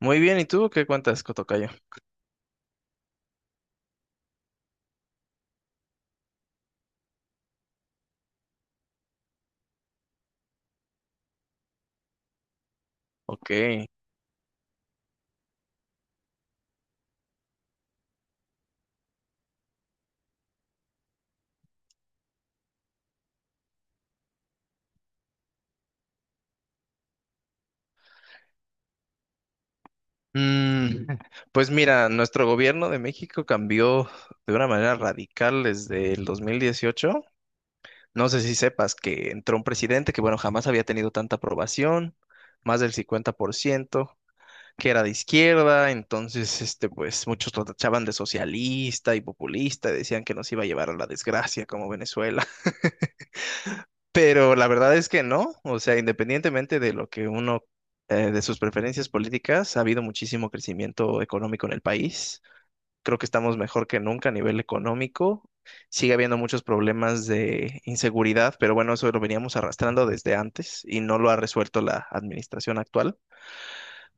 Muy bien, ¿y tú qué cuentas, Cotocayo? Ok. Mm, pues mira, nuestro gobierno de México cambió de una manera radical desde el 2018. No sé si sepas que entró un presidente que, bueno, jamás había tenido tanta aprobación, más del 50%, que era de izquierda, entonces, pues muchos lo tachaban de socialista y populista, decían que nos iba a llevar a la desgracia como Venezuela. Pero la verdad es que no, o sea, independientemente de lo que uno, de sus preferencias políticas, ha habido muchísimo crecimiento económico en el país. Creo que estamos mejor que nunca a nivel económico. Sigue habiendo muchos problemas de inseguridad, pero bueno, eso lo veníamos arrastrando desde antes y no lo ha resuelto la administración actual.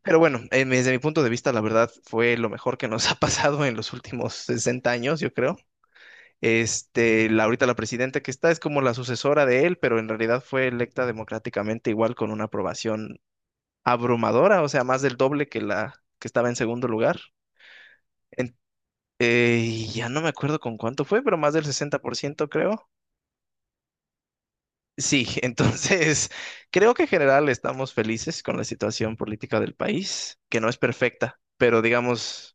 Pero bueno, desde mi punto de vista, la verdad fue lo mejor que nos ha pasado en los últimos 60 años, yo creo. Ahorita la presidenta que está es como la sucesora de él, pero en realidad fue electa democráticamente igual con una aprobación abrumadora, o sea, más del doble que la que estaba en segundo lugar. En- y ya no me acuerdo con cuánto fue, pero más del 60% creo. Sí, entonces creo que en general estamos felices con la situación política del país, que no es perfecta, pero digamos...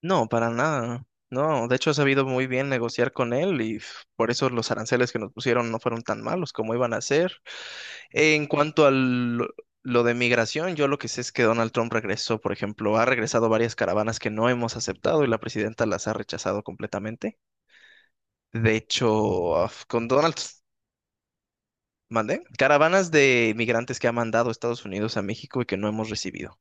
No, para nada. No, de hecho he sabido muy bien negociar con él y pf, por eso los aranceles que nos pusieron no fueron tan malos como iban a ser. En cuanto a lo de migración, yo lo que sé es que Donald Trump regresó, por ejemplo, ha regresado varias caravanas que no hemos aceptado y la presidenta las ha rechazado completamente. De hecho, con Donald, mandé caravanas de migrantes que ha mandado Estados Unidos a México y que no hemos recibido.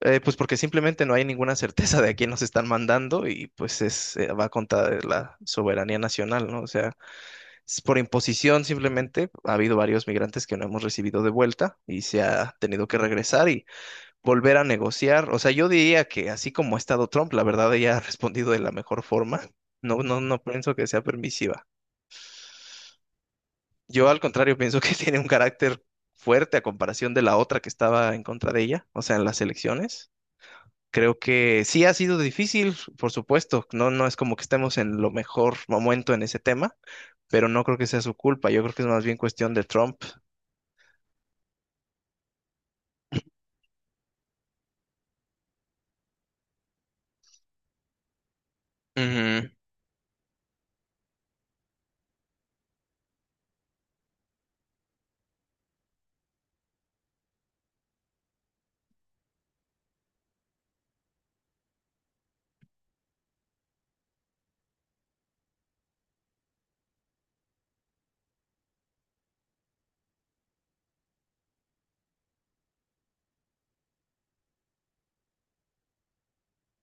Pues porque simplemente no hay ninguna certeza de a quién nos están mandando y pues es, va contra de la soberanía nacional, ¿no? O sea, es por imposición simplemente ha habido varios migrantes que no hemos recibido de vuelta y se ha tenido que regresar y volver a negociar. O sea, yo diría que así como ha estado Trump, la verdad ella ha respondido de la mejor forma. No, no, no pienso que sea permisiva. Yo al contrario pienso que tiene un carácter fuerte a comparación de la otra que estaba en contra de ella, o sea, en las elecciones. Creo que sí ha sido difícil, por supuesto. No, no es como que estemos en lo mejor momento en ese tema, pero no creo que sea su culpa. Yo creo que es más bien cuestión de Trump. Ujú,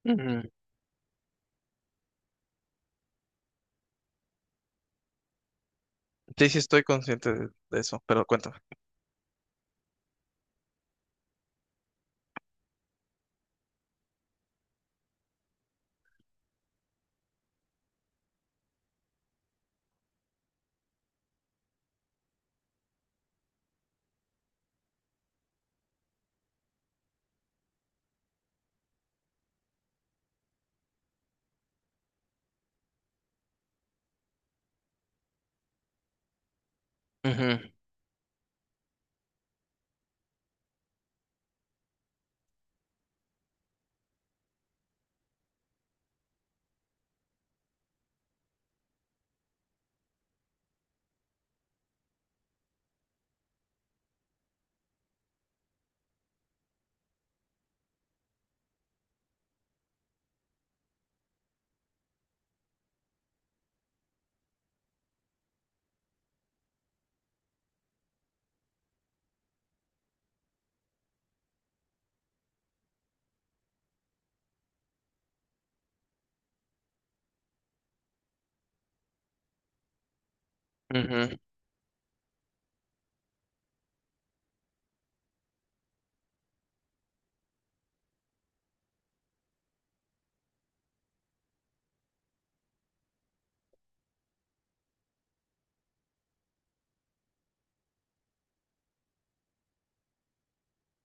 ujú. Sí, sí, estoy consciente de eso, pero cuéntame. Ujú, ujú.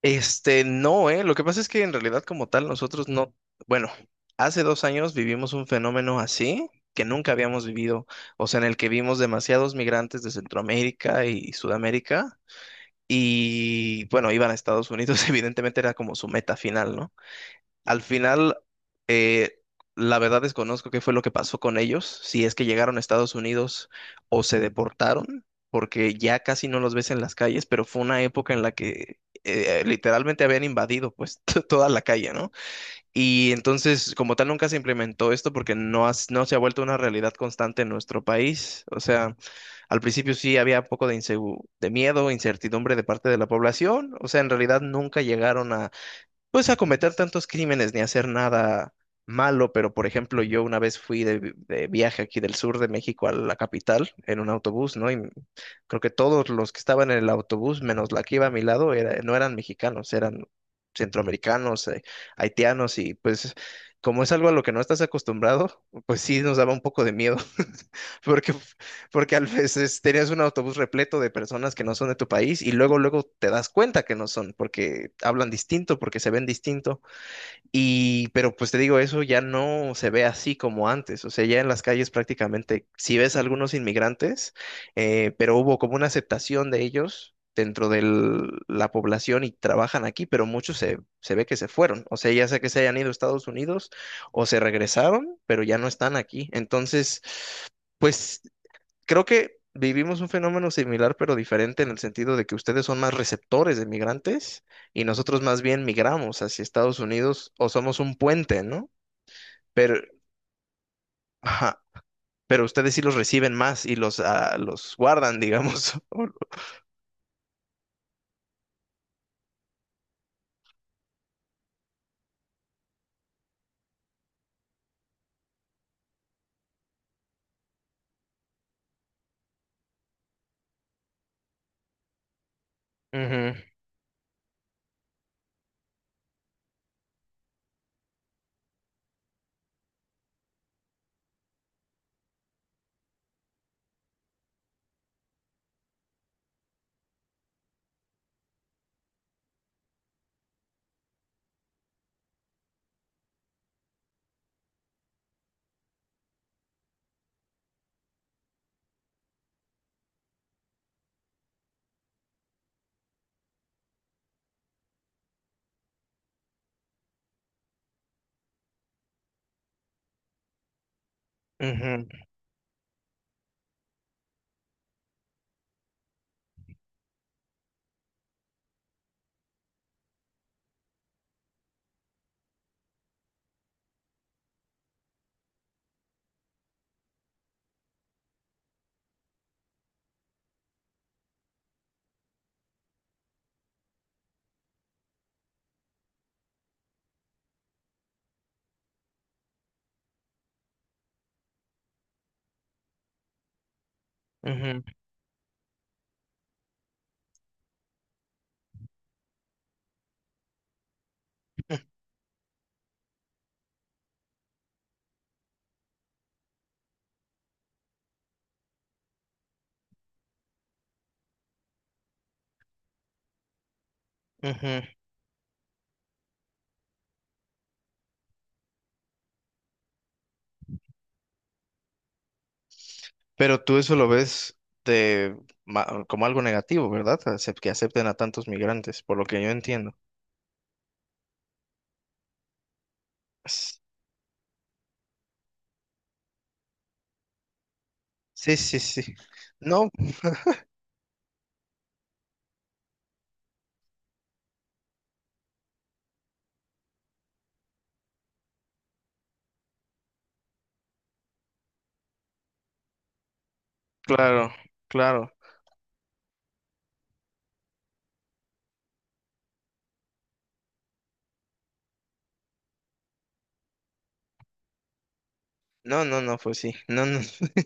No, Lo que pasa es que en realidad como tal nosotros no, bueno, hace 2 años vivimos un fenómeno así que nunca habíamos vivido, o sea, en el que vimos demasiados migrantes de Centroamérica y Sudamérica. Y bueno, iban a Estados Unidos, evidentemente era como su meta final, ¿no? Al final, eh, la verdad desconozco qué fue lo que pasó con ellos, si es que llegaron a Estados Unidos o se deportaron, porque ya casi no los ves en las calles, pero fue una época en la que literalmente habían invadido pues toda la calle, ¿no? Y entonces, como tal, nunca se implementó esto porque no, no se ha vuelto una realidad constante en nuestro país. O sea... Al principio sí había un poco de miedo, incertidumbre de parte de la población. O sea, en realidad nunca llegaron a, pues, a cometer tantos crímenes ni a hacer nada malo. Pero, por ejemplo, yo una vez fui de viaje aquí del sur de México a la capital en un autobús, ¿no? Y creo que todos los que estaban en el autobús, menos la que iba a mi lado, no eran mexicanos, eran centroamericanos, haitianos. Y pues, como es algo a lo que no estás acostumbrado, pues sí nos daba un poco de miedo. Porque, porque a veces tenías un autobús repleto de personas que no son de tu país y luego te das cuenta que no son, porque hablan distinto, porque se ven distinto. Y, pero pues te digo, eso ya no se ve así como antes. O sea, ya en las calles prácticamente si ves algunos inmigrantes, pero hubo como una aceptación de ellos dentro de la población y trabajan aquí, pero muchos se ve que se fueron. O sea, ya sea que se hayan ido a Estados Unidos o se regresaron, pero ya no están aquí. Entonces, pues creo que vivimos un fenómeno similar pero diferente en el sentido de que ustedes son más receptores de migrantes y nosotros más bien migramos hacia Estados Unidos o somos un puente, ¿no? Pero, ajá, pero ustedes sí los reciben más y los, ah, los guardan, digamos. o- Ujú, ujú, ujú, ujú. Pero tú eso lo ves de, como algo negativo, ¿verdad? Acep- Que acepten a tantos migrantes, por lo que yo entiendo. S- Sí, sí, sí. No, claro, claro. No, no, no, pues sí, no, no,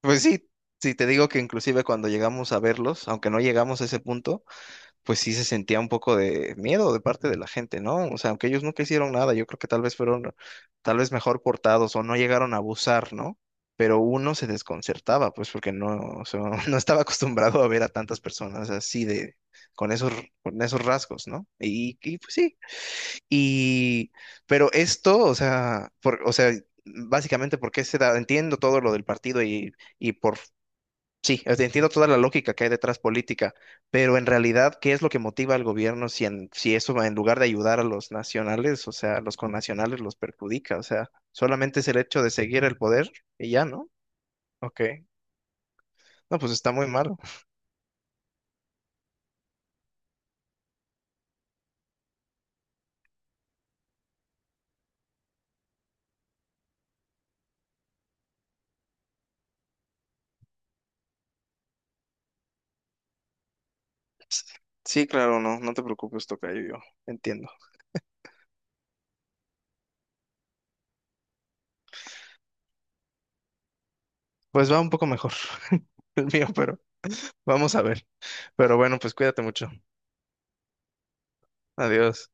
pues sí, sí te digo que inclusive cuando llegamos a verlos, aunque no llegamos a ese punto, pues sí se sentía un poco de miedo de parte de la gente, ¿no? O sea, aunque ellos nunca hicieron nada, yo creo que tal vez fueron, tal vez mejor portados o no llegaron a abusar, ¿no? Pero uno se desconcertaba, pues porque no, o sea, no estaba acostumbrado a ver a tantas personas así con esos, con esos rasgos, ¿no? Y pues sí, y, pero esto, o sea, por, o sea, básicamente porque se da, entiendo todo lo del partido y por, sí, o sea, entiendo toda la lógica que hay detrás política, pero en realidad, ¿qué es lo que motiva al gobierno si, en, si eso va en lugar de ayudar a los nacionales, o sea, a los connacionales los perjudica? O sea, solamente es el hecho de seguir el poder y ya, ¿no? Ok. No, pues está muy malo. Sí, claro, no, no te preocupes, tocayo, yo entiendo. Pues va un poco mejor el mío, pero vamos a ver. Pero bueno, pues cuídate mucho. Adiós.